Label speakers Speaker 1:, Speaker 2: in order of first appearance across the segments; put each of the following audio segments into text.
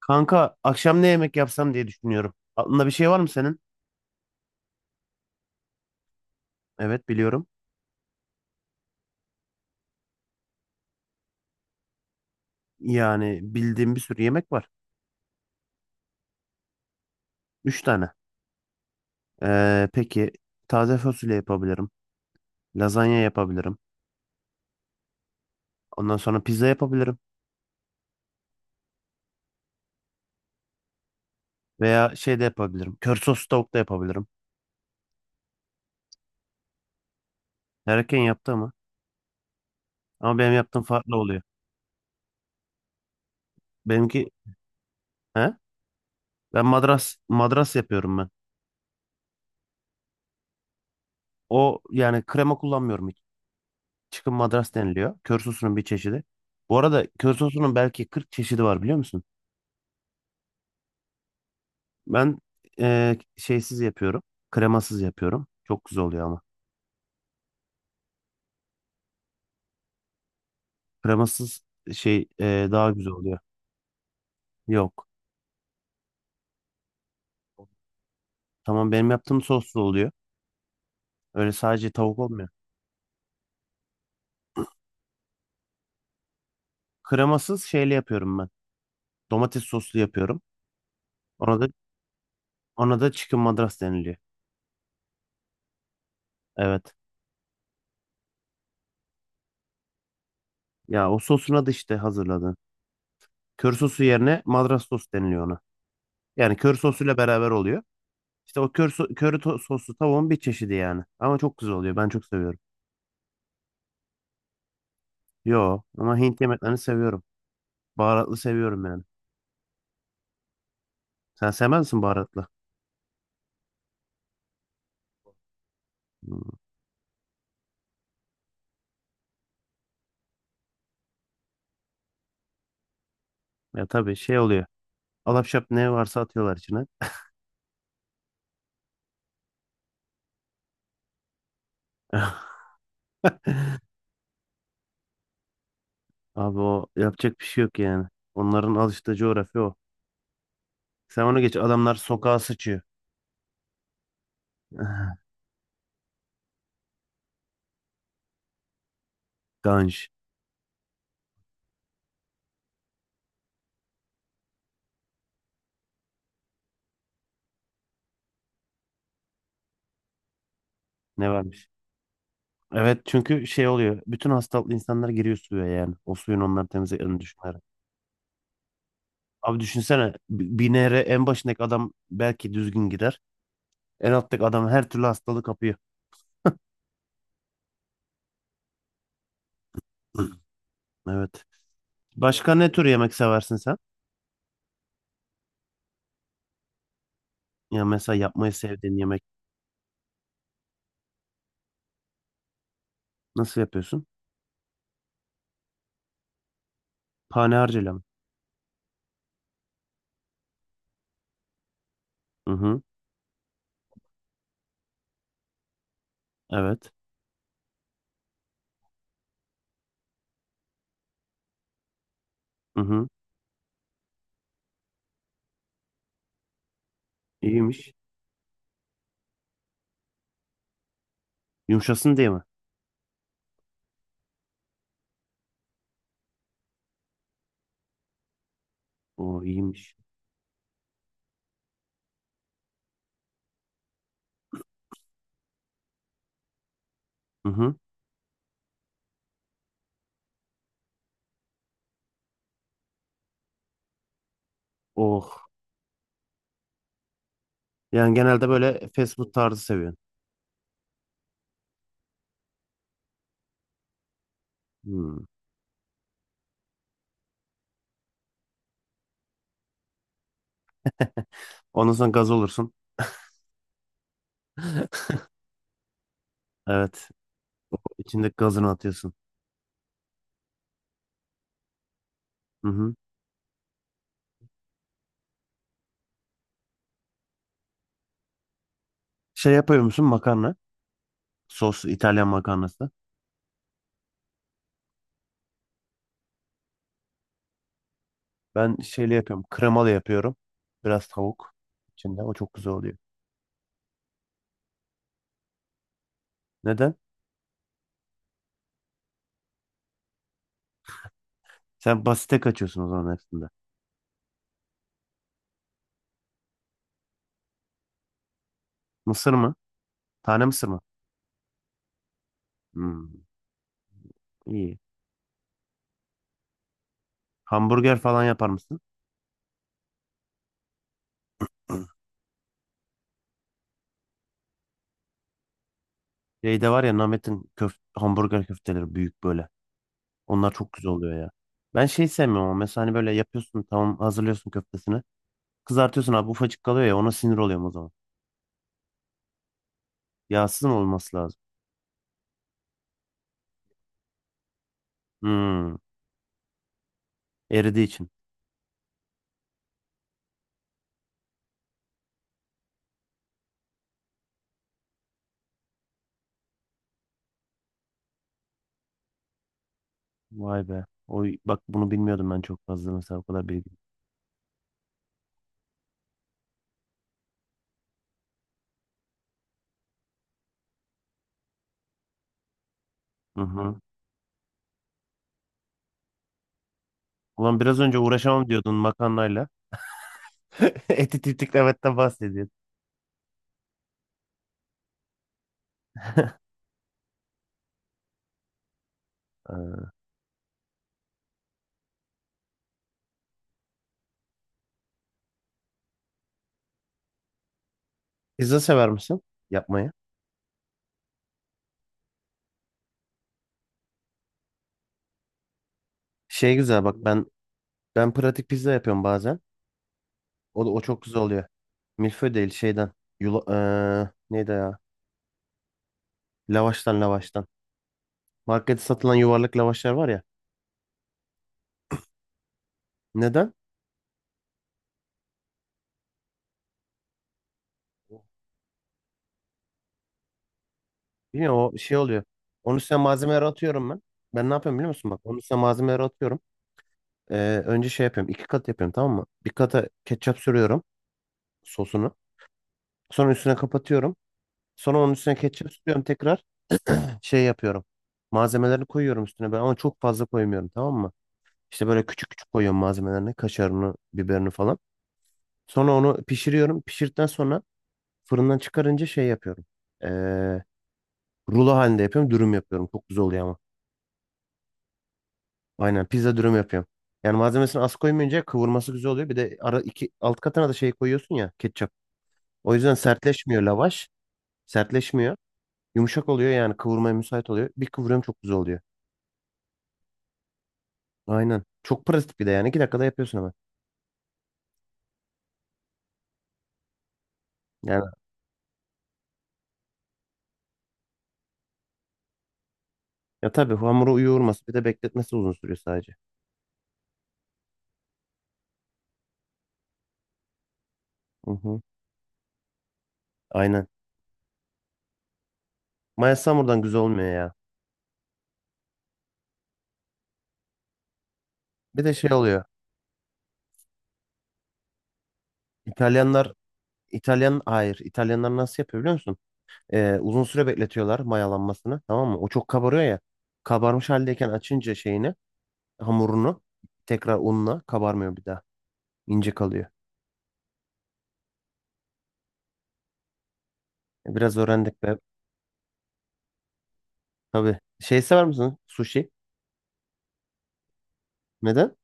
Speaker 1: Kanka akşam ne yemek yapsam diye düşünüyorum. Aklında bir şey var mı senin? Evet biliyorum. Yani bildiğim bir sürü yemek var. Üç tane. Peki, taze fasulye yapabilirim. Lazanya yapabilirim. Ondan sonra pizza yapabilirim. Veya şey de yapabilirim. Kör sos tavuk da yapabilirim. Herkesin yaptığı mı? Ama benim yaptığım farklı oluyor. Benimki he? Ben madras madras yapıyorum ben. O yani krema kullanmıyorum hiç. Çıkın madras deniliyor. Kör sosunun bir çeşidi. Bu arada kör sosunun belki 40 çeşidi var biliyor musun? Ben şeysiz yapıyorum. Kremasız yapıyorum. Çok güzel oluyor ama. Kremasız şey daha güzel oluyor. Yok. Tamam benim yaptığım soslu oluyor. Öyle sadece tavuk olmuyor. Kremasız şeyli yapıyorum ben. Domates soslu yapıyorum. Ona da ona da chicken madras deniliyor. Evet. Ya o sosuna da işte hazırladın. Kör sosu yerine madras sos deniliyor ona. Yani kör sosuyla beraber oluyor. İşte o kör so- köri to- soslu tavuğun bir çeşidi yani. Ama çok güzel oluyor. Ben çok seviyorum. Yo ama Hint yemeklerini seviyorum. Baharatlı seviyorum yani. Sen sevmez misin baharatlı? Hmm. Ya tabii şey oluyor. Alapşap ne varsa atıyorlar içine. Abi o yapacak bir şey yok yani. Onların alıştığı coğrafya o. Sen onu geç. Adamlar sokağa sıçıyor. Ganj. Ne varmış? Evet çünkü şey oluyor. Bütün hastalıklı insanlar giriyor suya yani. O suyun onları temizlediğini düşünerek. Abi düşünsene. Bir nehre en başındaki adam belki düzgün gider. En alttaki adam her türlü hastalığı kapıyor. Evet. Başka ne tür yemek seversin sen? Ya mesela yapmayı sevdiğin yemek nasıl yapıyorsun? Pane mi? Hı hı. Evet. Hı hı. İyiymiş. Yumuşasın diye mi? Oo iyiymiş. Hı hı. Oh. Yani genelde böyle fast food tarzı seviyorsun. Hmm. Ondan sonra gaz olursun. Evet. İçindeki gazını atıyorsun. Hı hı. Şey yapıyor musun makarna? Sos İtalyan makarnası. Ben şeyli yapıyorum. Kremalı yapıyorum. Biraz tavuk içinde. O çok güzel oluyor. Neden? Sen basite kaçıyorsun o zaman hepsinde. Mısır mı? Tane mısır mı? Hmm. İyi. Hamburger falan yapar mısın? Şeyde var ya Namet'in köf hamburger köfteleri büyük böyle. Onlar çok güzel oluyor ya. Ben şey sevmiyorum ama mesela hani böyle yapıyorsun tamam hazırlıyorsun köftesini. Kızartıyorsun abi ufacık kalıyor ya ona sinir oluyorum o zaman. Yağsız mı olması lazım? Hmm, eridiği için. Vay be. Oy, bak bunu bilmiyordum ben çok fazla mesela o kadar bilgi. Hı hı. Ulan biraz önce uğraşamam diyordun makarnayla. Eti tiftik Levent'ten bahsediyordun. Ee, Pizza sever misin yapmayı? Şey güzel bak ben pratik pizza yapıyorum bazen. O da o çok güzel oluyor. Milföy değil şeyden. Yula, neydi ya? Lavaştan. Markette satılan yuvarlak lavaşlar var ya. Neden? Bilmiyorum o şey oluyor. Onun üstüne malzemeleri atıyorum ben. Ben ne yapıyorum biliyor musun? Bak onun üstüne malzemeleri atıyorum. Önce şey yapıyorum. İki kat yapıyorum tamam mı? Bir kata ketçap sürüyorum sosunu. Sonra üstüne kapatıyorum. Sonra onun üstüne ketçap sürüyorum tekrar. Şey yapıyorum. Malzemelerini koyuyorum üstüne ben ama çok fazla koymuyorum tamam mı? İşte böyle küçük küçük koyuyorum malzemelerini, kaşarını, biberini falan. Sonra onu pişiriyorum. Pişirdikten sonra fırından çıkarınca şey yapıyorum. Ee, Rulo halinde yapıyorum, dürüm yapıyorum. Çok güzel oluyor ama. Aynen pizza dürüm yapıyorum. Yani malzemesini az koymayınca kıvırması güzel oluyor. Bir de ara iki alt katına da şey koyuyorsun ya, ketçap. O yüzden sertleşmiyor lavaş. Sertleşmiyor. Yumuşak oluyor yani kıvırmaya müsait oluyor. Bir kıvırıyorum çok güzel oluyor. Aynen. Çok pratik bir de yani. İki dakikada yapıyorsun hemen. Yani ya tabii hamuru yoğurması bir de bekletmesi uzun sürüyor sadece. Hı hı. Aynen. Maya Samur'dan güzel olmuyor ya. Bir de şey oluyor. İtalyanlar İtalyan hayır. İtalyanlar nasıl yapıyor biliyor musun? Uzun süre bekletiyorlar mayalanmasını. Tamam mı? O çok kabarıyor ya. Kabarmış haldeyken açınca şeyini, hamurunu tekrar unla kabarmıyor bir daha. İnce kalıyor. Biraz öğrendik be. Tabii. Şey sever misin? Sushi. Neden?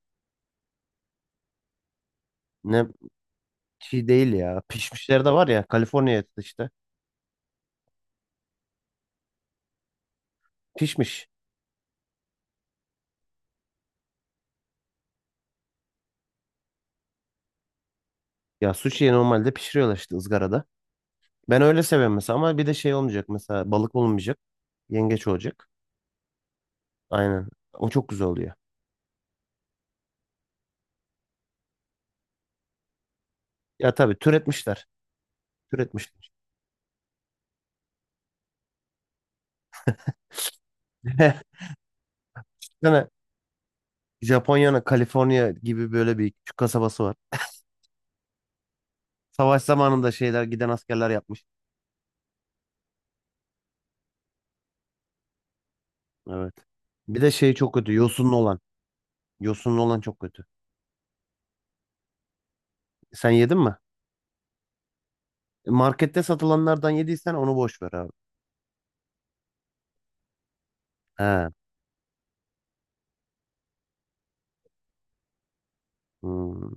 Speaker 1: Ne çiğ değil ya. Pişmişleri de var ya. Kaliforniya işte. Pişmiş. Ya sushi'yi normalde pişiriyorlar işte ızgarada. Ben öyle seviyorum mesela ama bir de şey olmayacak mesela balık olmayacak. Yengeç olacak. Aynen. O çok güzel oluyor. Ya tabii türetmişler. Türetmişler. Yani Japonya'nın Kaliforniya gibi böyle bir küçük kasabası var. Savaş zamanında şeyler giden askerler yapmış. Evet. Bir de şey çok kötü. Yosunlu olan. Yosunlu olan çok kötü. Sen yedin mi? Markette satılanlardan yediysen onu boş ver abi. He. Hmm,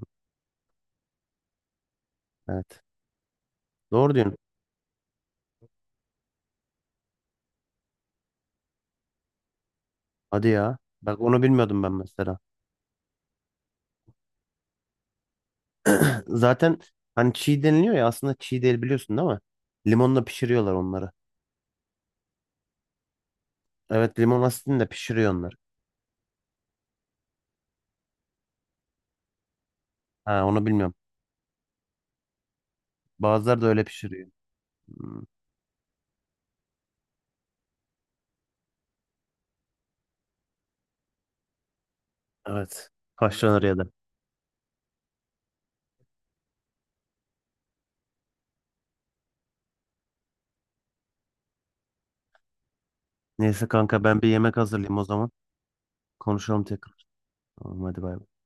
Speaker 1: evet. Doğru diyorsun. Hadi ya. Bak onu bilmiyordum ben mesela. Zaten hani çiğ deniliyor ya aslında çiğ değil biliyorsun değil mi? Limonla pişiriyorlar onları. Evet limon asitini de pişiriyor onları. Ha onu bilmiyorum. Bazıları da öyle pişiriyor. Hmm, evet. Haşlanır ya da. Neyse kanka ben bir yemek hazırlayayım o zaman. Konuşalım tekrar. Tamam hadi bay bay.